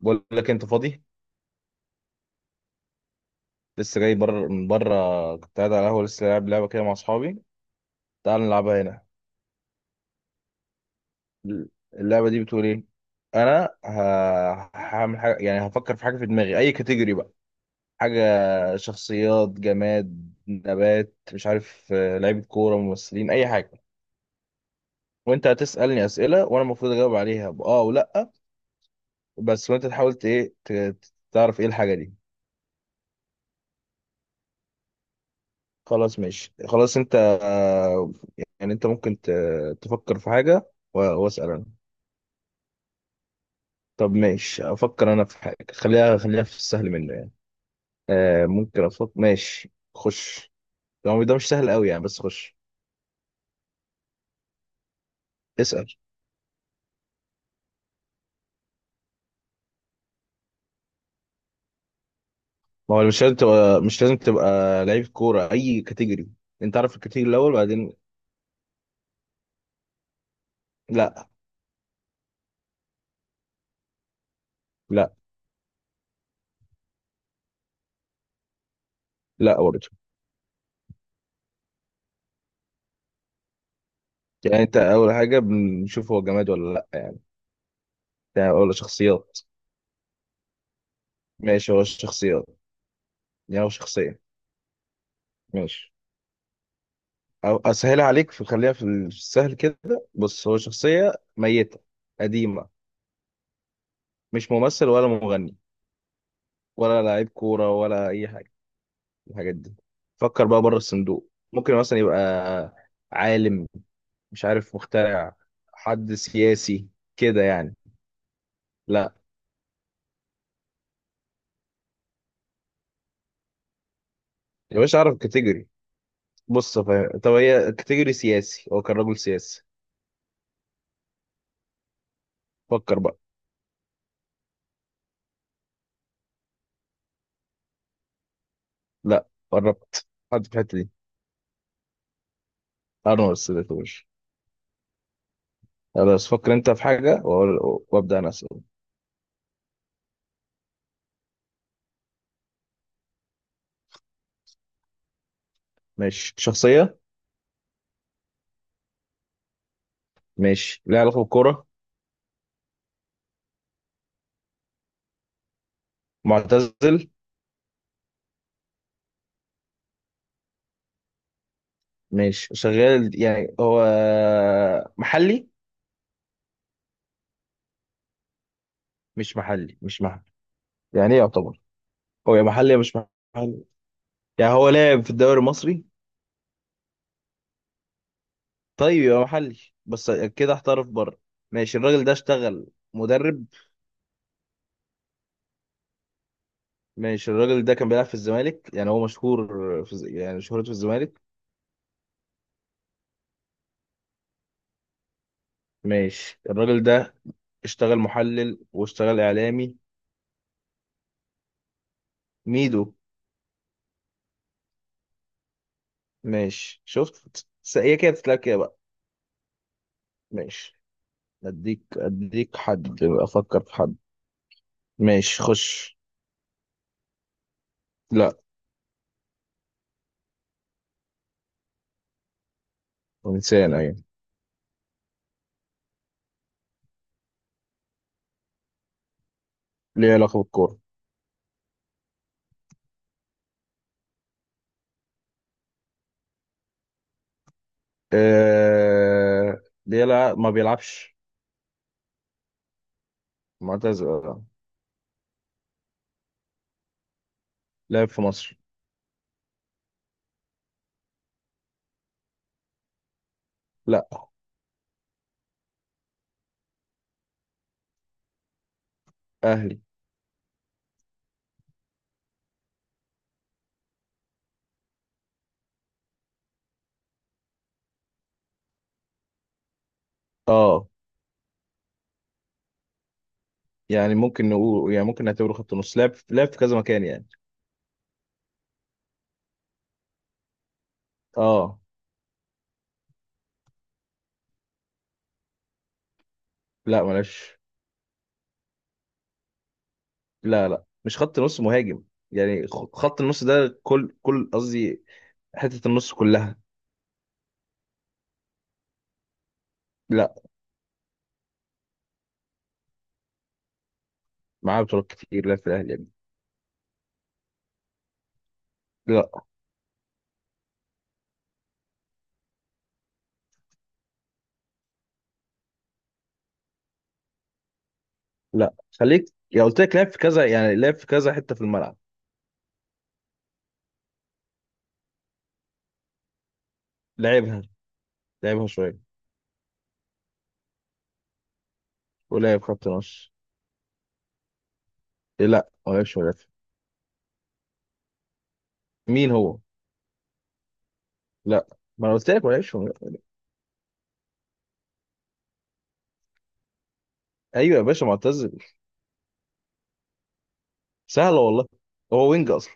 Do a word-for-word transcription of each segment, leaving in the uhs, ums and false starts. بقول لك انت فاضي. لسه جاي بره من بره، كنت قاعد على القهوه، لسه لاعب لعبه كده مع اصحابي. تعال نلعبها هنا. اللعبه دي بتقول ايه؟ انا ه- هعمل حاجه، يعني هفكر في حاجه في دماغي، اي كاتيجوري بقى. حاجه. شخصيات، جماد، نبات، مش عارف، آه، لعيبه كوره، ممثلين، اي حاجه. وانت هتسالني اسئله وانا المفروض اجاوب عليها، باه ولا بس. وانت تحاول ت- ايه ت- تعرف ايه الحاجه دي. خلاص ماشي، خلاص انت. آه، يعني انت ممكن ت- تفكر في حاجة و- واسأل انا. طب ماشي، افكر انا في حاجة، خليها خليها في السهل منه يعني. آه ممكن، افكر، ماشي خش. هو ده مش سهل قوي يعني، بس خش. اسأل. ما هو مش لازم تبقى مش لازم تبقى لعيب كورة اي كاتيجوري. انت عارف الكاتيجوري الاول، بعدين. لا، لا، لا برضه. يعني انت اول حاجة بنشوف هو جماد ولا لا يعني، ده ولا شخصيات. ماشي هو شخصيات. يعني هو شخصية. ماشي، او اسهلها عليك في، خليها في السهل كده. بص، هو شخصيه ميته، قديمه. مش ممثل ولا مغني ولا لعيب كوره ولا اي حاجه من الحاجات دي. فكر بقى بره الصندوق. ممكن مثلا يبقى عالم، مش عارف، مخترع، حد سياسي كده يعني. لا. يا باشا اعرف كاتيجوري. بص فاهم، طب هي كاتيجوري سياسي، هو كان راجل سياسي، فكر بقى. لا، قربت. حد في الحته دي. انا ما وصلتوش. خلاص، فكر انت في حاجه وأقول- وابدا انا اسال. ماشي. شخصية. ماشي ليها علاقة بالكورة. معتزل. ماشي شغال يعني هو، محلي. مش محلي، مش محلي. يعني ايه يعتبر؟ هو يا محلي يا مش محلي. يعني هو لاعب في الدوري المصري. طيب يبقى محلي، بس كده احترف بره. ماشي، الراجل ده اشتغل مدرب. ماشي، الراجل ده كان بيلعب في الزمالك، يعني هو مشهور في الز- يعني شهرته في الزمالك. ماشي، الراجل ده اشتغل محلل واشتغل اعلامي. ميدو. ماشي، شفت س- هي كده بتتلعب كده بقى. ماشي. اديك اديك حد، افكر في حد. ماشي خش. لا. انسان ايوه. ليه علاقه بالكوره. آه... ليه، لا، ما بيلعبش. معتزل آه. لعب في مصر. لا. اهلي. اه. يعني ممكن نقول، يعني ممكن نعتبره خط نص، لعب لعب في كذا مكان يعني. اه. لا معلش. لا، لا، مش خط نص مهاجم. يعني خ- خط النص ده كل كل قصدي، حته النص كلها. لا. معاه بطولات كتير، لعب في الاهلي يعني. لا. لا، خليك. يا قلت لك لعب في كذا يعني، لعب في كذا حته في الملعب. لعبها لعبها شويه. ولعب خط نص. إيه، لا ما لعبش مدافع. مين هو؟ لا. ما انا قلت لك ما لعبش مدافع. ايوه يا باشا، معتزل. سهله والله. هو وينج اصلا.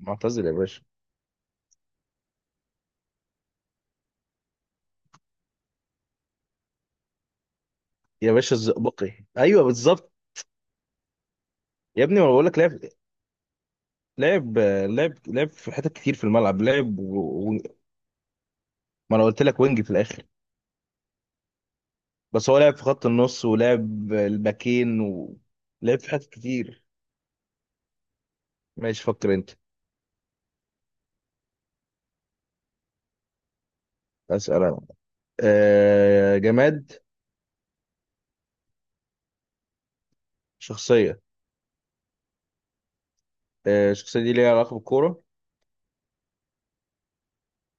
معتزل يا باشا. يا باشا الزئبقي، ايوه بالظبط. يا ابني ما بقول لك لعب لعب لعب لعب في حتت كتير في الملعب لعب و... و... ما انا قلت لك وينج في الاخر. بس هو لعب في خط النص ولعب الباكين و... لعب في حتت كتير. ماشي فكر انت. اسال انا. آه، جماد. شخصية. آه، الشخصية دي ليها علاقة بالكورة.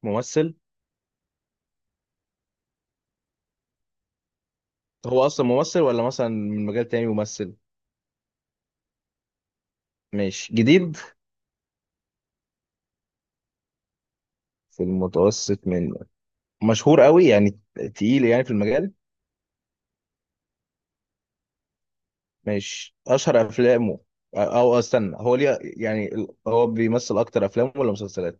ممثل. هو أصلا ممثل، ولا مثلا من مجال تاني ممثل. ماشي. جديد. في المتوسط من. مشهور قوي يعني، تقيل يعني في المجال. ماشي، أشهر أفلامه. أو استنى، هو ليه يعني، هو بيمثل أكتر أفلام ولا مسلسلات؟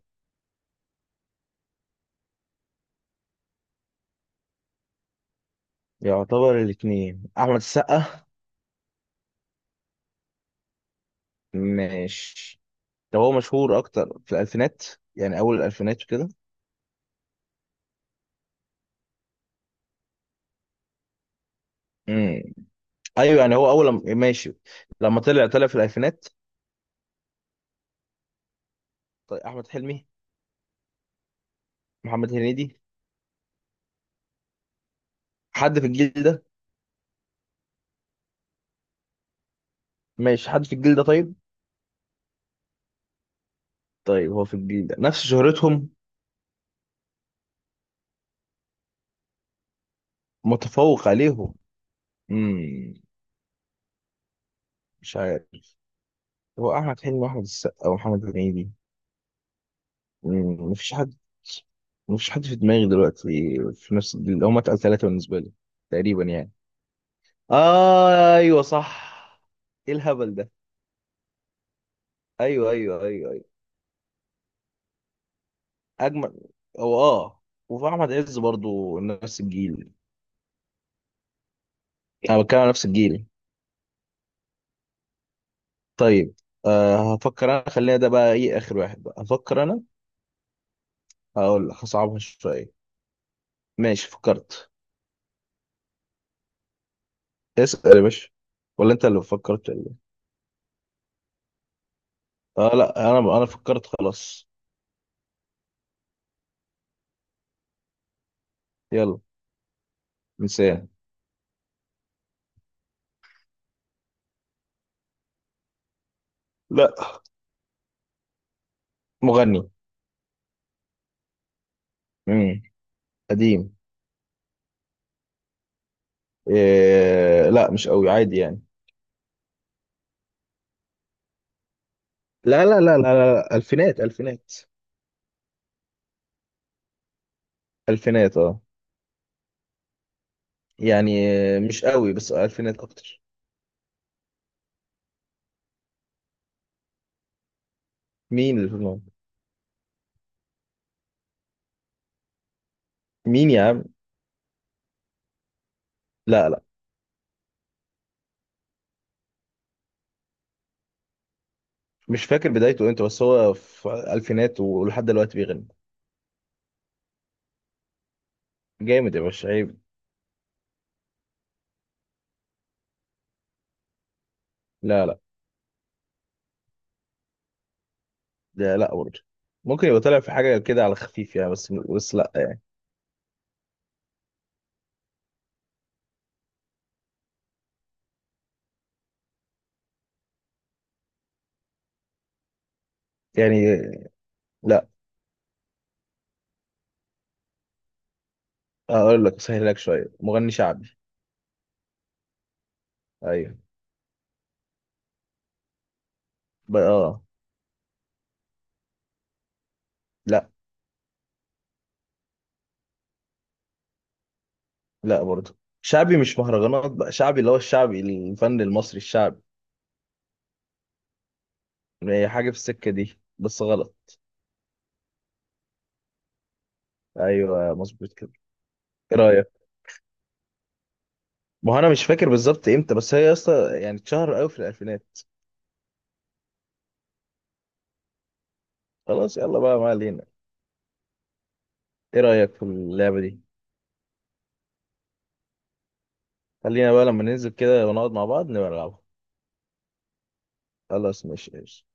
يعتبر الاتنين، أحمد السقا. ماشي. طب هو مشهور أكتر في الألفينات يعني، أول الألفينات وكده. ايوه يعني، هو اول لما ماشي، لما طلع طلع في الالفينات. طيب، احمد حلمي. محمد هنيدي. حد في الجيل ده. ماشي، حد في الجيل ده طيب. طيب هو في الجيل ده نفس شهرتهم. متفوق عليهم. امم مش عارف، هو احمد حلمي واحمد السقا ومحمد هنيدي. امم مفيش حد. مفيش حد في دماغي دلوقتي في نفس الجيل، هم اتقل ثلاثه بالنسبه لي. تقريبا يعني. آه ايوه صح. ايه الهبل ده؟ ايوه، ايوه، ايوه. اجمل. هو اه. وفي احمد عز برضو نفس الجيل. انا بتكلم على نفس الجيل. طيب، أه هفكر انا، خلينا ده بقى، ايه اخر واحد بقى، هفكر انا. هقول هصعبها شويه. ماشي فكرت. اسال يا باشا. ولا انت اللي فكرت اللي. اه لا، انا انا فكرت خلاص. يلا. انسان. لا. مغني. امم قديم. إيه لا، مش قوي، عادي يعني. لا، لا، لا، لا، لا، الفينات الفينات. الفينات اه. يعني مش قوي، بس الفينات اكتر. مين اللي في الموقف؟ مين يا عم؟ لا، لا. مش فاكر بدايته امتى، بس هو في الفينات ولحد دلوقتي بيغني. جامد يا باشا، عيب. لا، لا. لا، لا برضه، ممكن يبقى طالع في حاجه كده على خفيف يعني، بس بس لا يعني. يعني لا. اقول لك سهل لك شويه، مغني شعبي. ايوه. ب- اه. لا، لا برضه. شعبي مش مهرجانات بقى، شعبي اللي هو الشعبي الفن المصري الشعبي. هي حاجه في السكه دي بس غلط. ايوه، مظبوط كده. ايه رايك؟ ما هو انا مش فاكر بالظبط امتى، بس هي اصلا يعني اتشهر قوي في الالفينات. خلاص يلا بقى، ما علينا. ايه رأيك في اللعبة دي؟ خلينا بقى لما ننزل كده ونقعد مع بعض نبقى نلعبها. خلاص ماشي، ماشي.